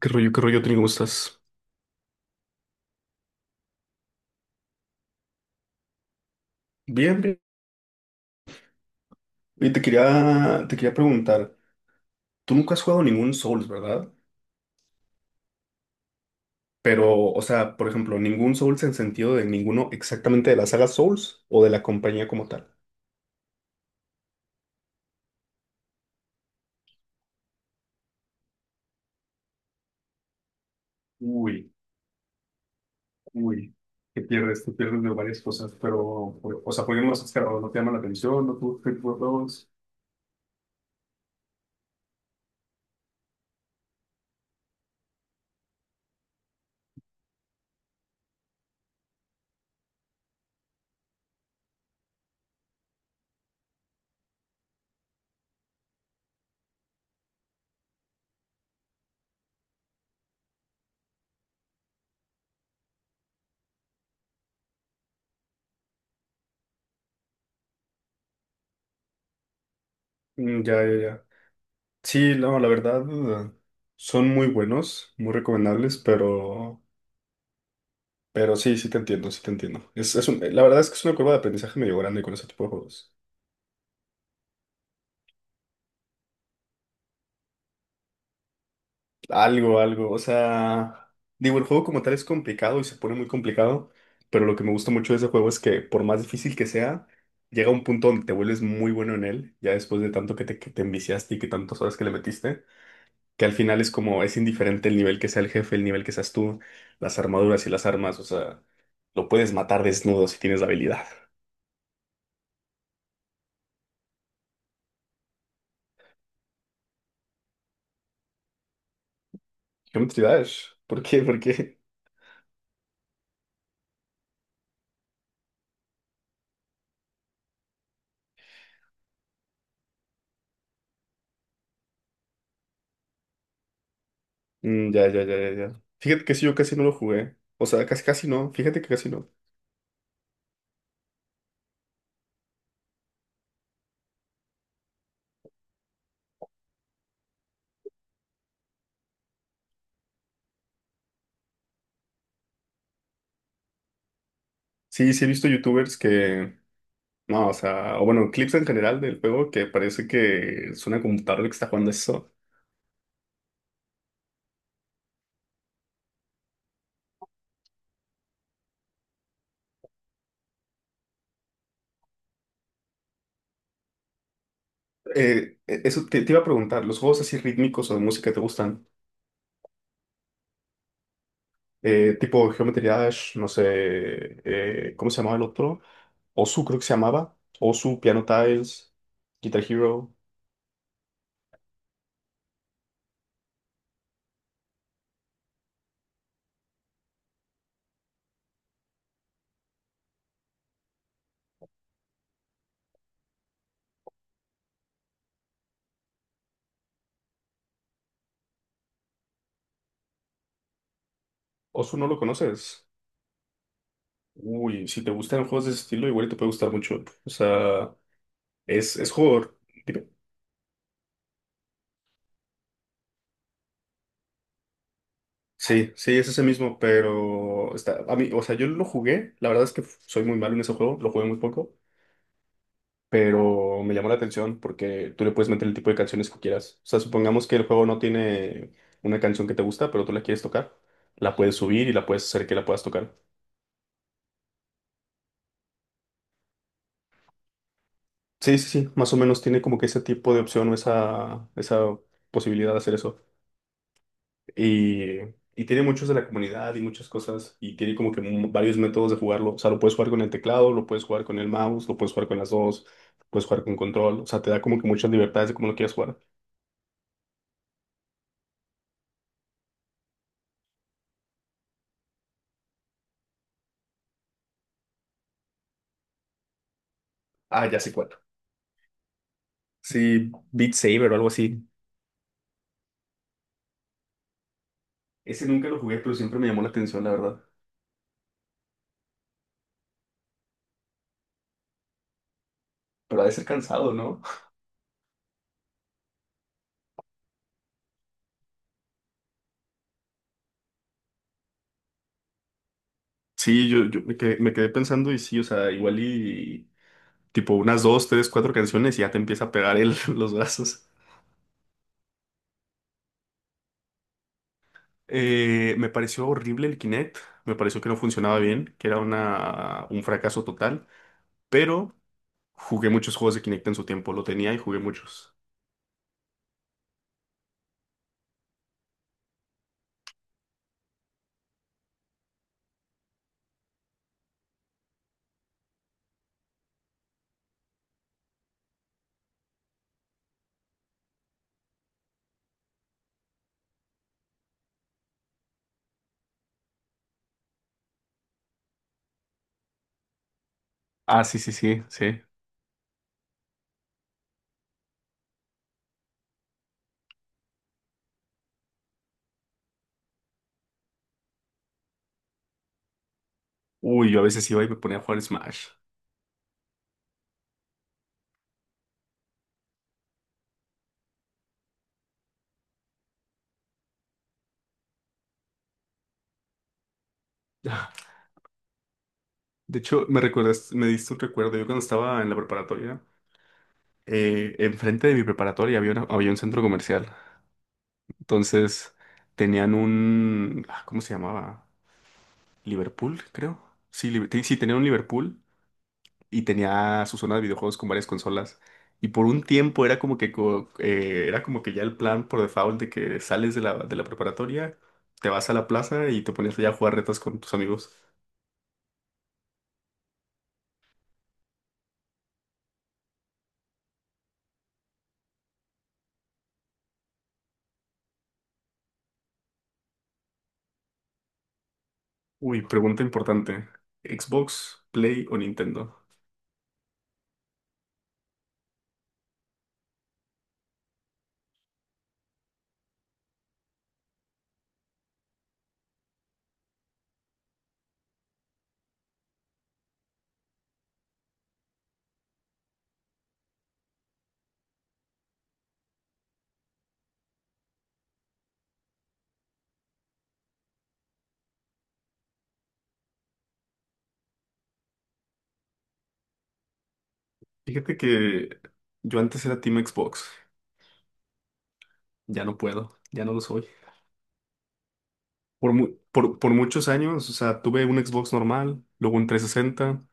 Qué rollo, Tony? ¿Cómo estás? Bien, bien. Y te quería preguntar, tú nunca has jugado ningún Souls, ¿verdad? Pero, o sea, por ejemplo, ningún Souls en sentido de ninguno exactamente de la saga Souls o de la compañía como tal. Uy, uy, te pierdes de varias cosas, pero, o sea, ¿por qué no los has cargado? ¿No te llama la atención? ¿No tú te juegos? Mm, ya, ya, ya. Sí, no, la verdad, eh, son muy buenos, muy recomendables, pero sí, sí te entiendo, sí te entiendo. La verdad es que es una curva de aprendizaje medio grande con ese tipo de juegos. Algo, algo, o sea, digo, el juego como tal es complicado y se pone muy complicado, pero lo que me gusta mucho de ese juego es que por más difícil que sea, llega un punto donde te vuelves muy bueno en él, ya después de tanto que te enviciaste y que tantas horas que le metiste, que al final es como, es indiferente el nivel que sea el jefe, el nivel que seas tú, las armaduras y las armas, o sea, lo puedes matar desnudo si tienes la habilidad. ¿Qué me ¿Por qué? ¿Por qué? Mm, ya, ya, ya, ya, ya. Fíjate que sí, yo casi no lo jugué. O sea, casi, casi no. Fíjate que casi no. Sí, sí he visto youtubers que... No, o sea, o bueno, clips en general del juego que parece que es una computadora la que está jugando eso. Eso te iba a preguntar, ¿los juegos así rítmicos o de música te gustan? Tipo Geometry Dash, no sé, ¿cómo se llamaba el otro? Osu creo que se llamaba. Osu, Piano Tiles, Guitar Hero. Osu no lo conoces. Uy, si te gustan juegos de ese estilo, igual te puede gustar mucho. O sea... Es jugador. Dime. Sí, sí, es ese mismo, pero está, a mí, o sea, yo lo jugué, la verdad es que soy muy malo en ese juego, lo jugué muy poco, pero me llamó la atención porque tú le puedes meter el tipo de canciones que quieras. O sea, supongamos que el juego no tiene una canción que te gusta, pero tú la quieres tocar, la puedes subir y la puedes hacer que la puedas tocar. Sí, sí, sí, más o menos tiene como que ese tipo de opción o esa posibilidad de hacer eso. Y, y tiene muchos de la comunidad y muchas cosas. Y tiene como que varios métodos de jugarlo. O sea, lo puedes jugar con el teclado, lo puedes jugar con el mouse, lo puedes jugar con las dos, puedes jugar con control. O sea, te da como que muchas libertades de cómo lo quieras jugar. Ah, ya sé cuál. Sí, Beat Saber o algo así. Ese nunca lo jugué, pero siempre me llamó la atención, la verdad. Pero ha de ser cansado, ¿no? Sí, yo me quedé pensando y sí, o sea, igual y tipo unas dos, tres, cuatro canciones y ya te empieza a pegar el, los brazos. Me pareció horrible el Kinect, me pareció que no funcionaba bien, que era una, un fracaso total, pero jugué muchos juegos de Kinect en su tiempo, lo tenía y jugué muchos. Ah, sí, sí, sí, sí. Uy, yo a veces iba y me ponía a jugar Smash. De hecho, me recuerdas, me diste un recuerdo, yo cuando estaba en la preparatoria, enfrente de mi preparatoria había, había un centro comercial, entonces tenían un, ah, ¿cómo se llamaba? Liverpool, creo. Sí, sí, tenían un Liverpool y tenía su zona de videojuegos con varias consolas. Y por un tiempo era como que, era como que ya el plan por default de que sales de la preparatoria, te vas a la plaza y te pones allá a jugar retas con tus amigos. Uy, pregunta importante. ¿Xbox, Play o Nintendo? Fíjate que yo antes era Team Xbox. Ya no puedo, ya no lo soy. Por muchos años, o sea, tuve un Xbox normal, luego un 360,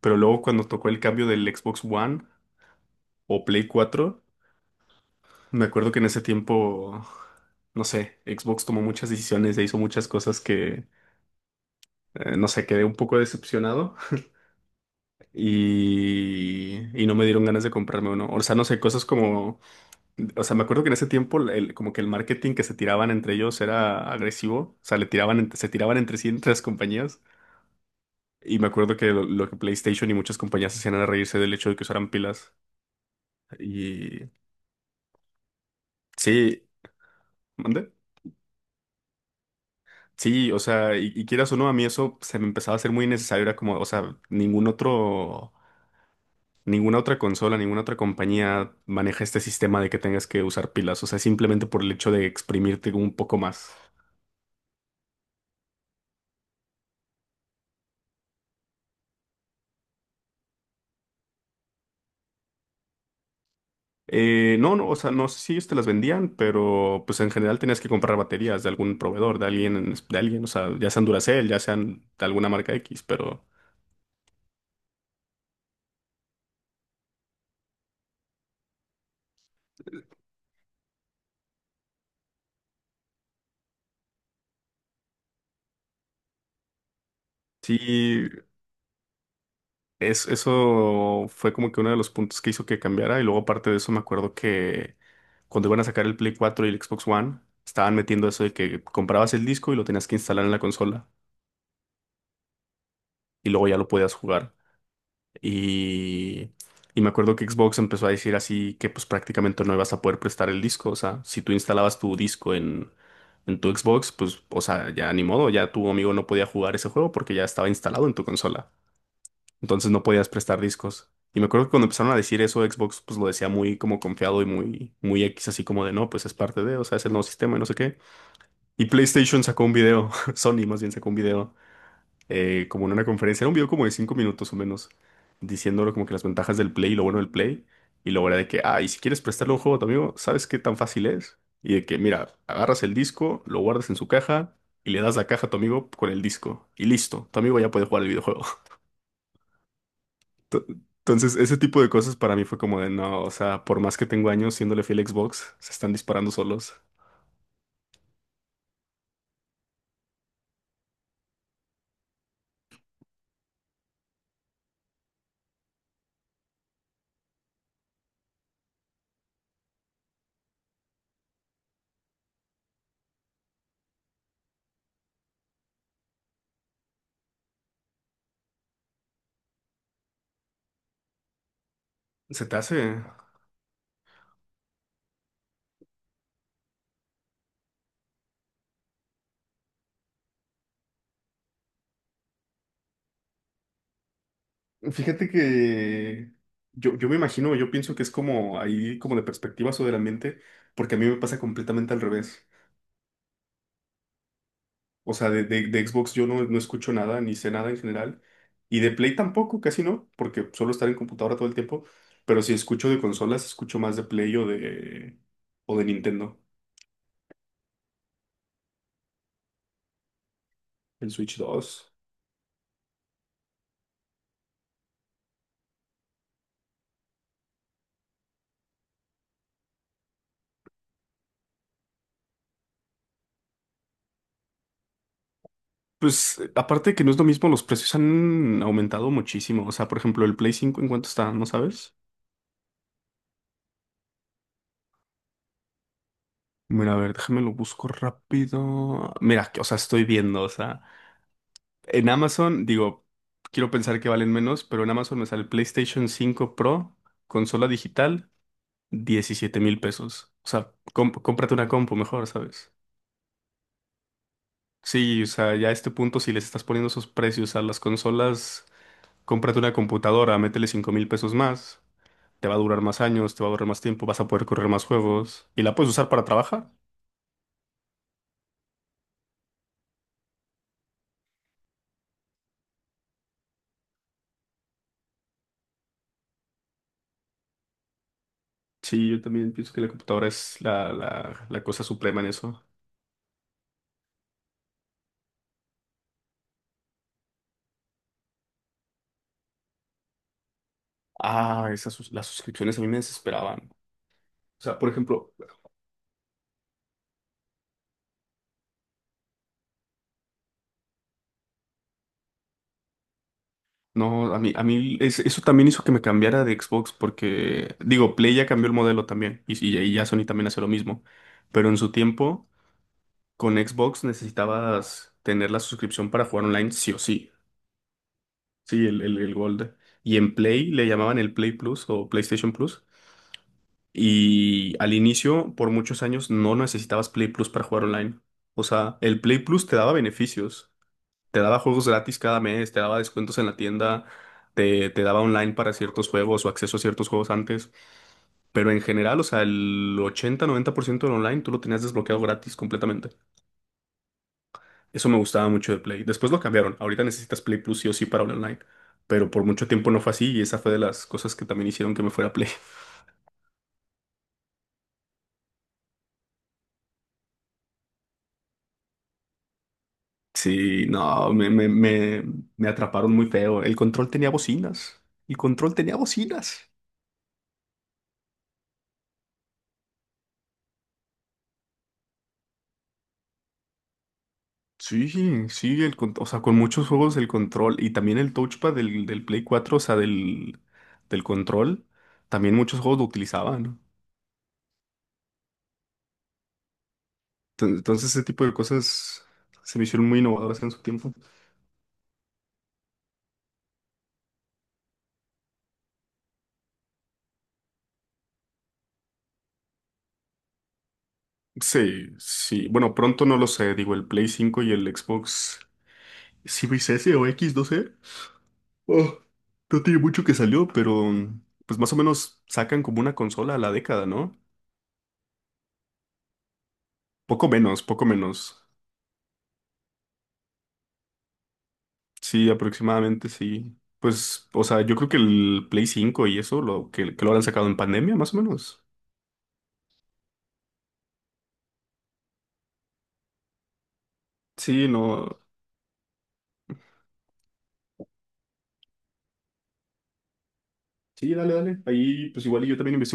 pero luego cuando tocó el cambio del Xbox One o Play 4. Me acuerdo que en ese tiempo, no sé, Xbox tomó muchas decisiones e hizo muchas cosas que, no sé, quedé un poco decepcionado y no me dieron ganas de comprarme uno. O sea, no sé, cosas como, o sea, me acuerdo que en ese tiempo como que el marketing que se tiraban entre ellos era agresivo, o sea, le tiraban, se tiraban entre sí entre las compañías. Y me acuerdo que lo que PlayStation y muchas compañías hacían era reírse del hecho de que usaran pilas. Y sí, ¿mande? Sí, o sea, y quieras o no, a mí eso se me empezaba a hacer muy innecesario. Era como, o sea, ningún otro, ninguna otra consola, ninguna otra compañía maneja este sistema de que tengas que usar pilas. O sea, simplemente por el hecho de exprimirte un poco más. No, no, o sea, no sé si ellos te las vendían, pero pues en general tenías que comprar baterías de algún proveedor, de alguien, en de alguien, o sea, ya sean Duracell, ya sean de alguna marca X, pero sí. Es, eso fue como que uno de los puntos que hizo que cambiara. Y luego, aparte de eso, me acuerdo que cuando iban a sacar el Play 4 y el Xbox One, estaban metiendo eso de que comprabas el disco y lo tenías que instalar en la consola. Y luego ya lo podías jugar. Y, y me acuerdo que Xbox empezó a decir así que pues prácticamente no ibas a poder prestar el disco. O sea, si tú instalabas tu disco en tu Xbox, pues, o sea, ya ni modo, ya tu amigo no podía jugar ese juego porque ya estaba instalado en tu consola. Entonces no podías prestar discos. Y me acuerdo que cuando empezaron a decir eso, Xbox pues lo decía muy como confiado y muy, muy X, así como de no, pues es parte de, o sea, es el nuevo sistema y no sé qué. Y PlayStation sacó un video, Sony más bien sacó un video, como en una conferencia, era un video como de 5 minutos o menos, diciéndolo como que las ventajas del Play y lo bueno del Play. Y luego era de que, ah, y si quieres prestarle un juego a tu amigo, ¿sabes qué tan fácil es? Y de que, mira, agarras el disco, lo guardas en su caja y le das la caja a tu amigo con el disco. Y listo, tu amigo ya puede jugar el videojuego. To- Entonces, ese tipo de cosas para mí fue como de no, o sea, por más que tengo años siéndole fiel a Xbox, se están disparando solos. Se te hace. Fíjate que yo me imagino, yo pienso que es como ahí, como de perspectivas o del ambiente, porque a mí me pasa completamente al revés. O sea, de Xbox yo no, no escucho nada, ni sé nada en general. Y de Play tampoco, casi no, porque suelo estar en computadora todo el tiempo. Pero si escucho de consolas, escucho más de Play o de Nintendo, el Switch 2. Pues aparte que no es lo mismo, los precios han aumentado muchísimo. O sea, por ejemplo, el Play 5, ¿en cuánto está? ¿No sabes? Mira, a ver, déjame lo busco rápido. Mira, o sea, estoy viendo, o sea, en Amazon, digo, quiero pensar que valen menos, pero en Amazon me sale el PlayStation 5 Pro, consola digital, 17 mil pesos. O sea, cómprate una compu mejor, ¿sabes? Sí, o sea, ya a este punto, si les estás poniendo esos precios a las consolas, cómprate una computadora, métele 5 mil pesos más. Te va a durar más años, te va a durar más tiempo, vas a poder correr más juegos y la puedes usar para trabajar. Sí, yo también pienso que la computadora es la, la, la cosa suprema en eso. Ah, las suscripciones a mí me desesperaban. O sea, por ejemplo, no, a mí, eso también hizo que me cambiara de Xbox porque, digo, Play ya cambió el modelo también y ya Sony también hace lo mismo. Pero en su tiempo, con Xbox necesitabas tener la suscripción para jugar online sí o sí. Sí, el Gold. Y en Play le llamaban el Play Plus o PlayStation Plus. Y al inicio, por muchos años, no necesitabas Play Plus para jugar online. O sea, el Play Plus te daba beneficios. Te daba juegos gratis cada mes, te daba descuentos en la tienda, te daba online para ciertos juegos o acceso a ciertos juegos antes. Pero en general, o sea, el 80-90% del online tú lo tenías desbloqueado gratis completamente. Eso me gustaba mucho de Play. Después lo cambiaron. Ahorita necesitas Play Plus sí o sí para hablar online. Pero por mucho tiempo no fue así y esa fue de las cosas que también hicieron que me fuera a Play. Sí, no, me atraparon muy feo. El control tenía bocinas. El control tenía bocinas. Sí, sí, o sea, con muchos juegos el control y también el touchpad del Play 4, o sea, del, del control, también muchos juegos lo utilizaban. Entonces, ese tipo de cosas se me hicieron muy innovadoras en su tiempo. Sí, sí, bueno, pronto no lo sé, digo, el Play 5 y el Xbox Series S o X, no sé. Oh, no tiene mucho que salió, pero pues más o menos sacan como una consola a la década, ¿no? Poco menos, poco menos. Sí, aproximadamente sí. Pues, o sea, yo creo que el Play 5 y eso, lo que lo habrán sacado en pandemia, más o menos. Sí, no. Sí, dale, dale. Ahí, pues